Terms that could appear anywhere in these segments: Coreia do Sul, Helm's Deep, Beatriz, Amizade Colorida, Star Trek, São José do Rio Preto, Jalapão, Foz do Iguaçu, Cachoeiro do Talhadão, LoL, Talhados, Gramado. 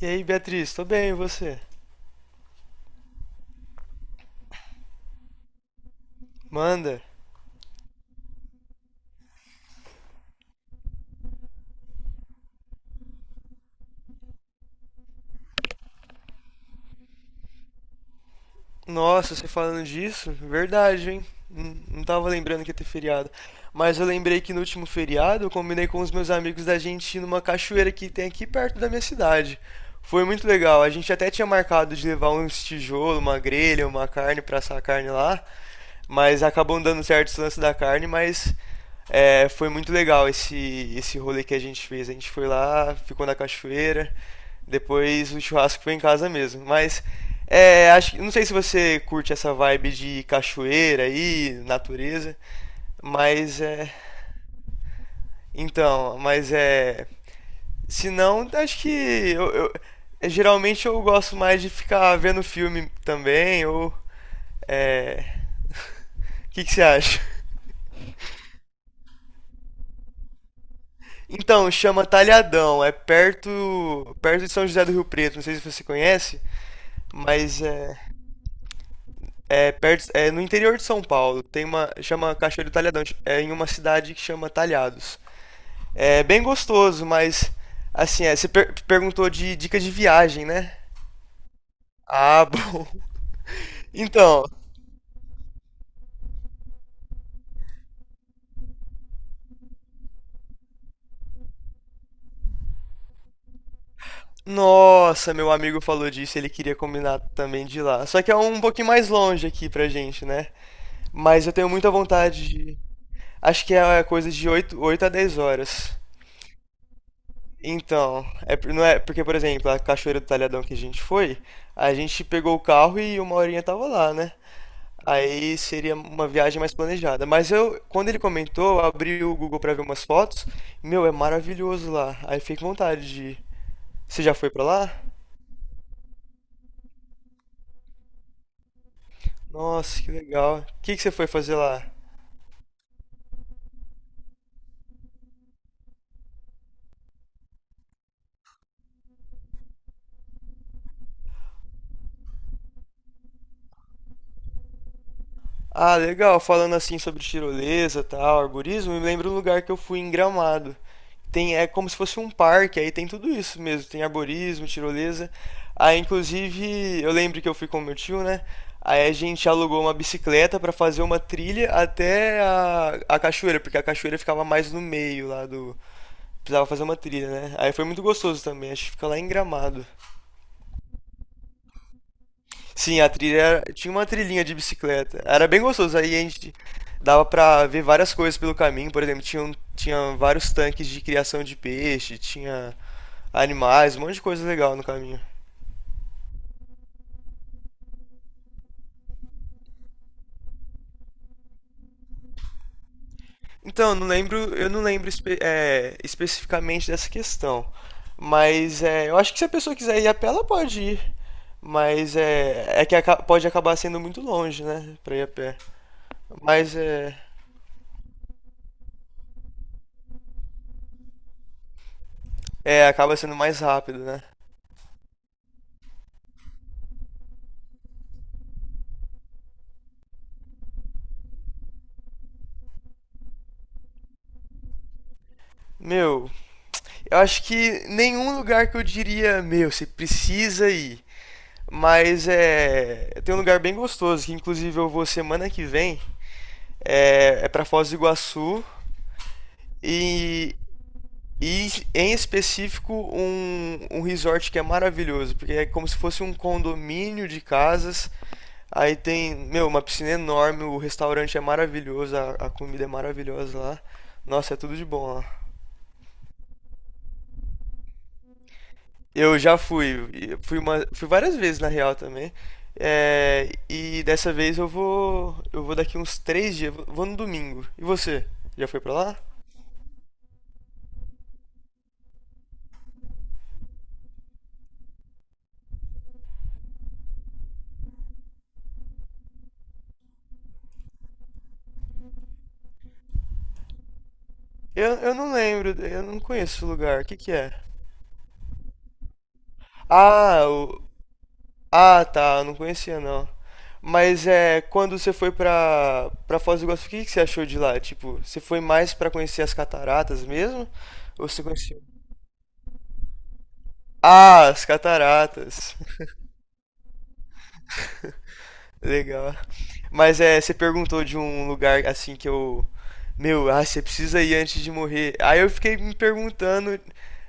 E aí, Beatriz, tô bem, e você? Manda. Nossa, você falando disso? Verdade, hein? Não tava lembrando que ia ter feriado. Mas eu lembrei que no último feriado eu combinei com os meus amigos da gente ir numa cachoeira que tem aqui perto da minha cidade. Foi muito legal. A gente até tinha marcado de levar uns tijolos, uma grelha, uma carne pra assar a carne lá. Mas acabam dando certos lances da carne, mas foi muito legal esse rolê que a gente fez. A gente foi lá, ficou na cachoeira, depois o churrasco foi em casa mesmo. Acho, não sei se você curte essa vibe de cachoeira aí, natureza, mas é. Então, mas é. Se não, acho que eu, eu- geralmente eu gosto mais de ficar vendo filme também, ou. É. O que que você acha? Então, chama Talhadão, é perto de São José do Rio Preto, não sei se você conhece, mas é, é perto é no interior de São Paulo. Tem uma chama Cachoeiro do Talhadão, é em uma cidade que chama Talhados. É bem gostoso, mas assim, você perguntou de dica de viagem, né? Ah, bom. Então, nossa, meu amigo falou disso, ele queria combinar também de ir lá. Só que é um pouquinho mais longe aqui pra gente, né? Mas eu tenho muita vontade de. Acho que é coisa de 8, 8 a 10 horas. Então, por- não é, porque, por exemplo, a Cachoeira do Talhadão que a gente foi, a gente pegou o carro e uma horinha tava lá, né? Aí seria uma viagem mais planejada. Mas eu, quando ele comentou, eu abri o Google pra ver umas fotos. Meu, é maravilhoso lá. Aí fiquei com vontade de ir. Você já foi pra lá? Nossa, que legal. O que que você foi fazer lá? Ah, legal. Falando assim sobre tirolesa, tal, arborismo, me lembra um lugar que eu fui em Gramado. Tem, é como se fosse um parque, aí tem tudo isso mesmo. Tem arborismo, tirolesa. Aí, inclusive, eu lembro que eu fui com meu tio, né? Aí a gente alugou uma bicicleta para fazer uma trilha até a cachoeira, porque a cachoeira ficava mais no meio lá do. Precisava fazer uma trilha, né? Aí foi muito gostoso também. Acho que fica lá em Gramado. Sim, a trilha era- tinha uma trilhinha de bicicleta. Era bem gostoso. Aí a gente dava pra ver várias coisas pelo caminho. Por exemplo, tinha, um- tinha vários tanques de criação de peixe, tinha animais, um monte de coisa legal no caminho. Então, eu não lembro especificamente dessa questão. Eu acho que se a pessoa quiser ir a pé, ela pode ir. É que pode acabar sendo muito longe, né? Pra ir a pé. Mas é, acaba sendo mais rápido, né? Meu, eu acho que nenhum lugar que eu diria, meu, você precisa ir. Mas é. Tem um lugar bem gostoso, que inclusive eu vou semana que vem. É para Foz do Iguaçu. E, e em específico um resort que é maravilhoso, porque é como se fosse um condomínio de casas. Aí tem, meu, uma piscina enorme, o restaurante é maravilhoso, a comida é maravilhosa lá. Nossa, é tudo de bom lá. Eu já fui, e fui uma, fui várias vezes na real também. E dessa vez eu vou daqui uns três dias, vou no domingo. E você? Já foi pra lá? Eu não lembro, eu não conheço esse lugar. O que que é? Ah, o, ah, tá, eu não conhecia não. Quando você foi pra Foz do Iguaçu, o que que você achou de lá? Tipo, você foi mais pra conhecer as cataratas mesmo? Ou você conheceu? Ah, as cataratas. Legal. Mas é, você perguntou de um lugar assim que eu. Meu, ah, você precisa ir antes de morrer. Aí eu fiquei me perguntando.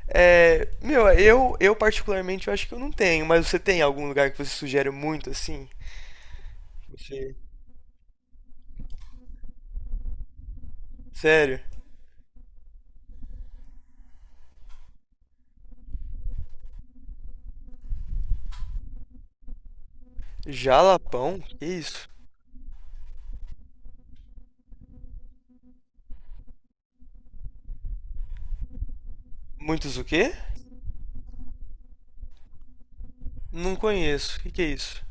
Meu, eu particularmente eu acho que eu não tenho, mas você tem algum lugar que você sugere muito assim? Você. Sério? Jalapão? Que isso? Muitos o quê? Não conheço. O que que é isso?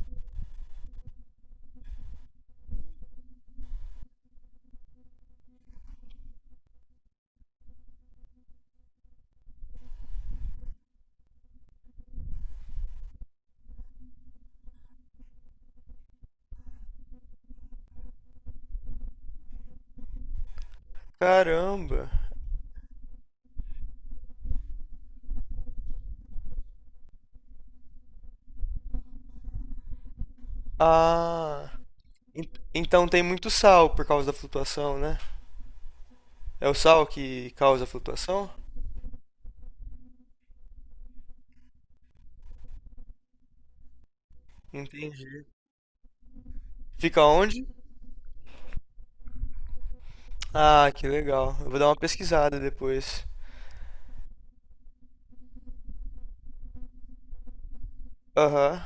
Caramba. Ah. en- Então tem muito sal por causa da flutuação, né? É o sal que causa a flutuação? Entendi. Fica onde? Ah, que legal. Eu vou dar uma pesquisada depois. Aham.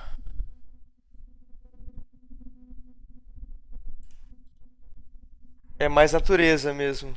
É mais natureza mesmo.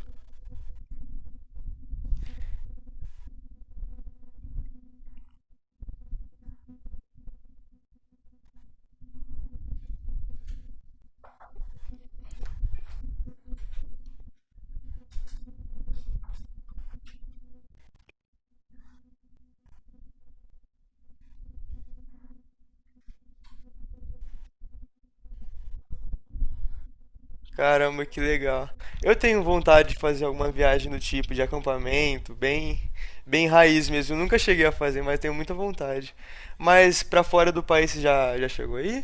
Caramba, que legal. Eu tenho vontade de fazer alguma viagem do tipo de acampamento, bem, bem raiz mesmo. Eu nunca cheguei a fazer, mas tenho muita vontade. Mas pra fora do país você já chegou aí?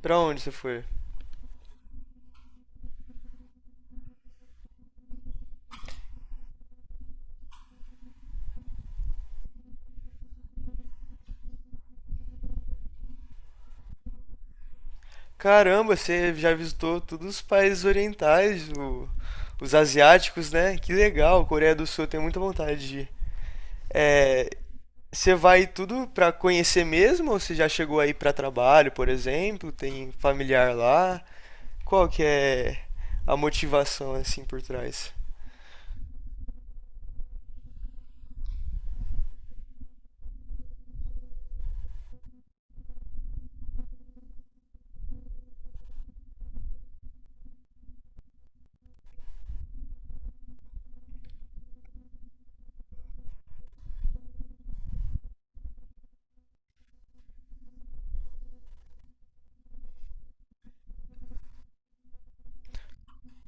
Pra onde você foi? Caramba, você já visitou todos os países orientais, os asiáticos, né? Que legal. Coreia do Sul, eu tenho muita vontade de ir. É, Você vai tudo pra conhecer mesmo ou você já chegou aí pra trabalho, por exemplo? Tem familiar lá? Qual que é a motivação assim por trás?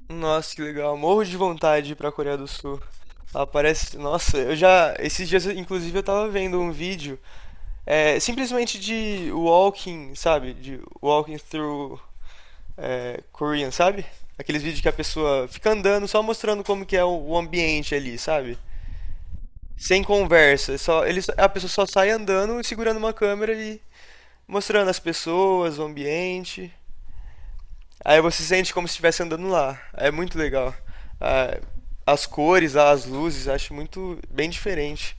Nossa, que legal. Morro de vontade de ir pra Coreia do Sul. Lá parece. Nossa, eu já. Esses dias, inclusive, eu tava vendo um vídeo simplesmente de walking, sabe? De walking through Korean, sabe? Aqueles vídeos que a pessoa fica andando só mostrando como que é o ambiente ali, sabe? Sem conversa, só, ele, a pessoa só sai andando e segurando uma câmera e mostrando as pessoas, o ambiente. Aí você sente como se estivesse andando lá. É muito legal. Ah, as cores, as luzes, acho muito bem diferente.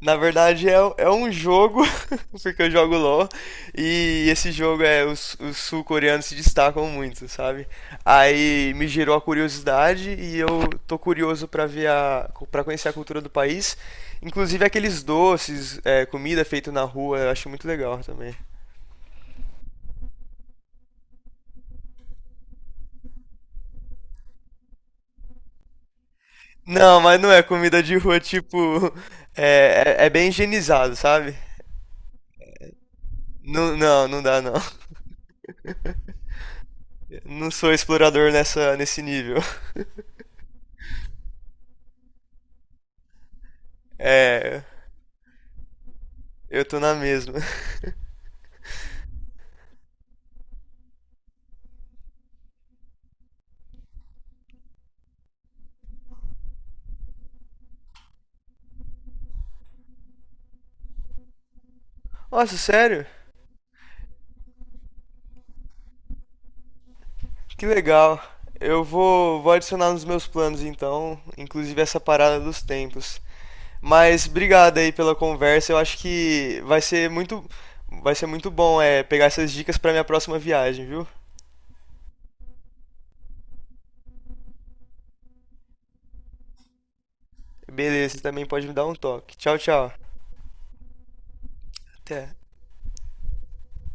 Na verdade, é um jogo, porque eu jogo LoL, e esse jogo é os sul-coreanos se destacam muito, sabe? Aí me gerou a curiosidade e eu tô curioso pra ver a, para conhecer a cultura do país. Inclusive aqueles doces, comida feita na rua, eu acho muito legal também. Não, mas não é comida de rua, tipo, é bem higienizado, sabe? Não, não, não dá não. Não sou explorador nessa, nesse nível. É, eu tô na mesma. Nossa, sério? Que legal. Eu vou adicionar nos meus planos então, inclusive essa parada dos tempos. Mas obrigado aí pela conversa. Eu acho que vai ser muito bom pegar essas dicas para minha próxima viagem, viu? Beleza, você também pode me dar um toque. Tchau, tchau. Até.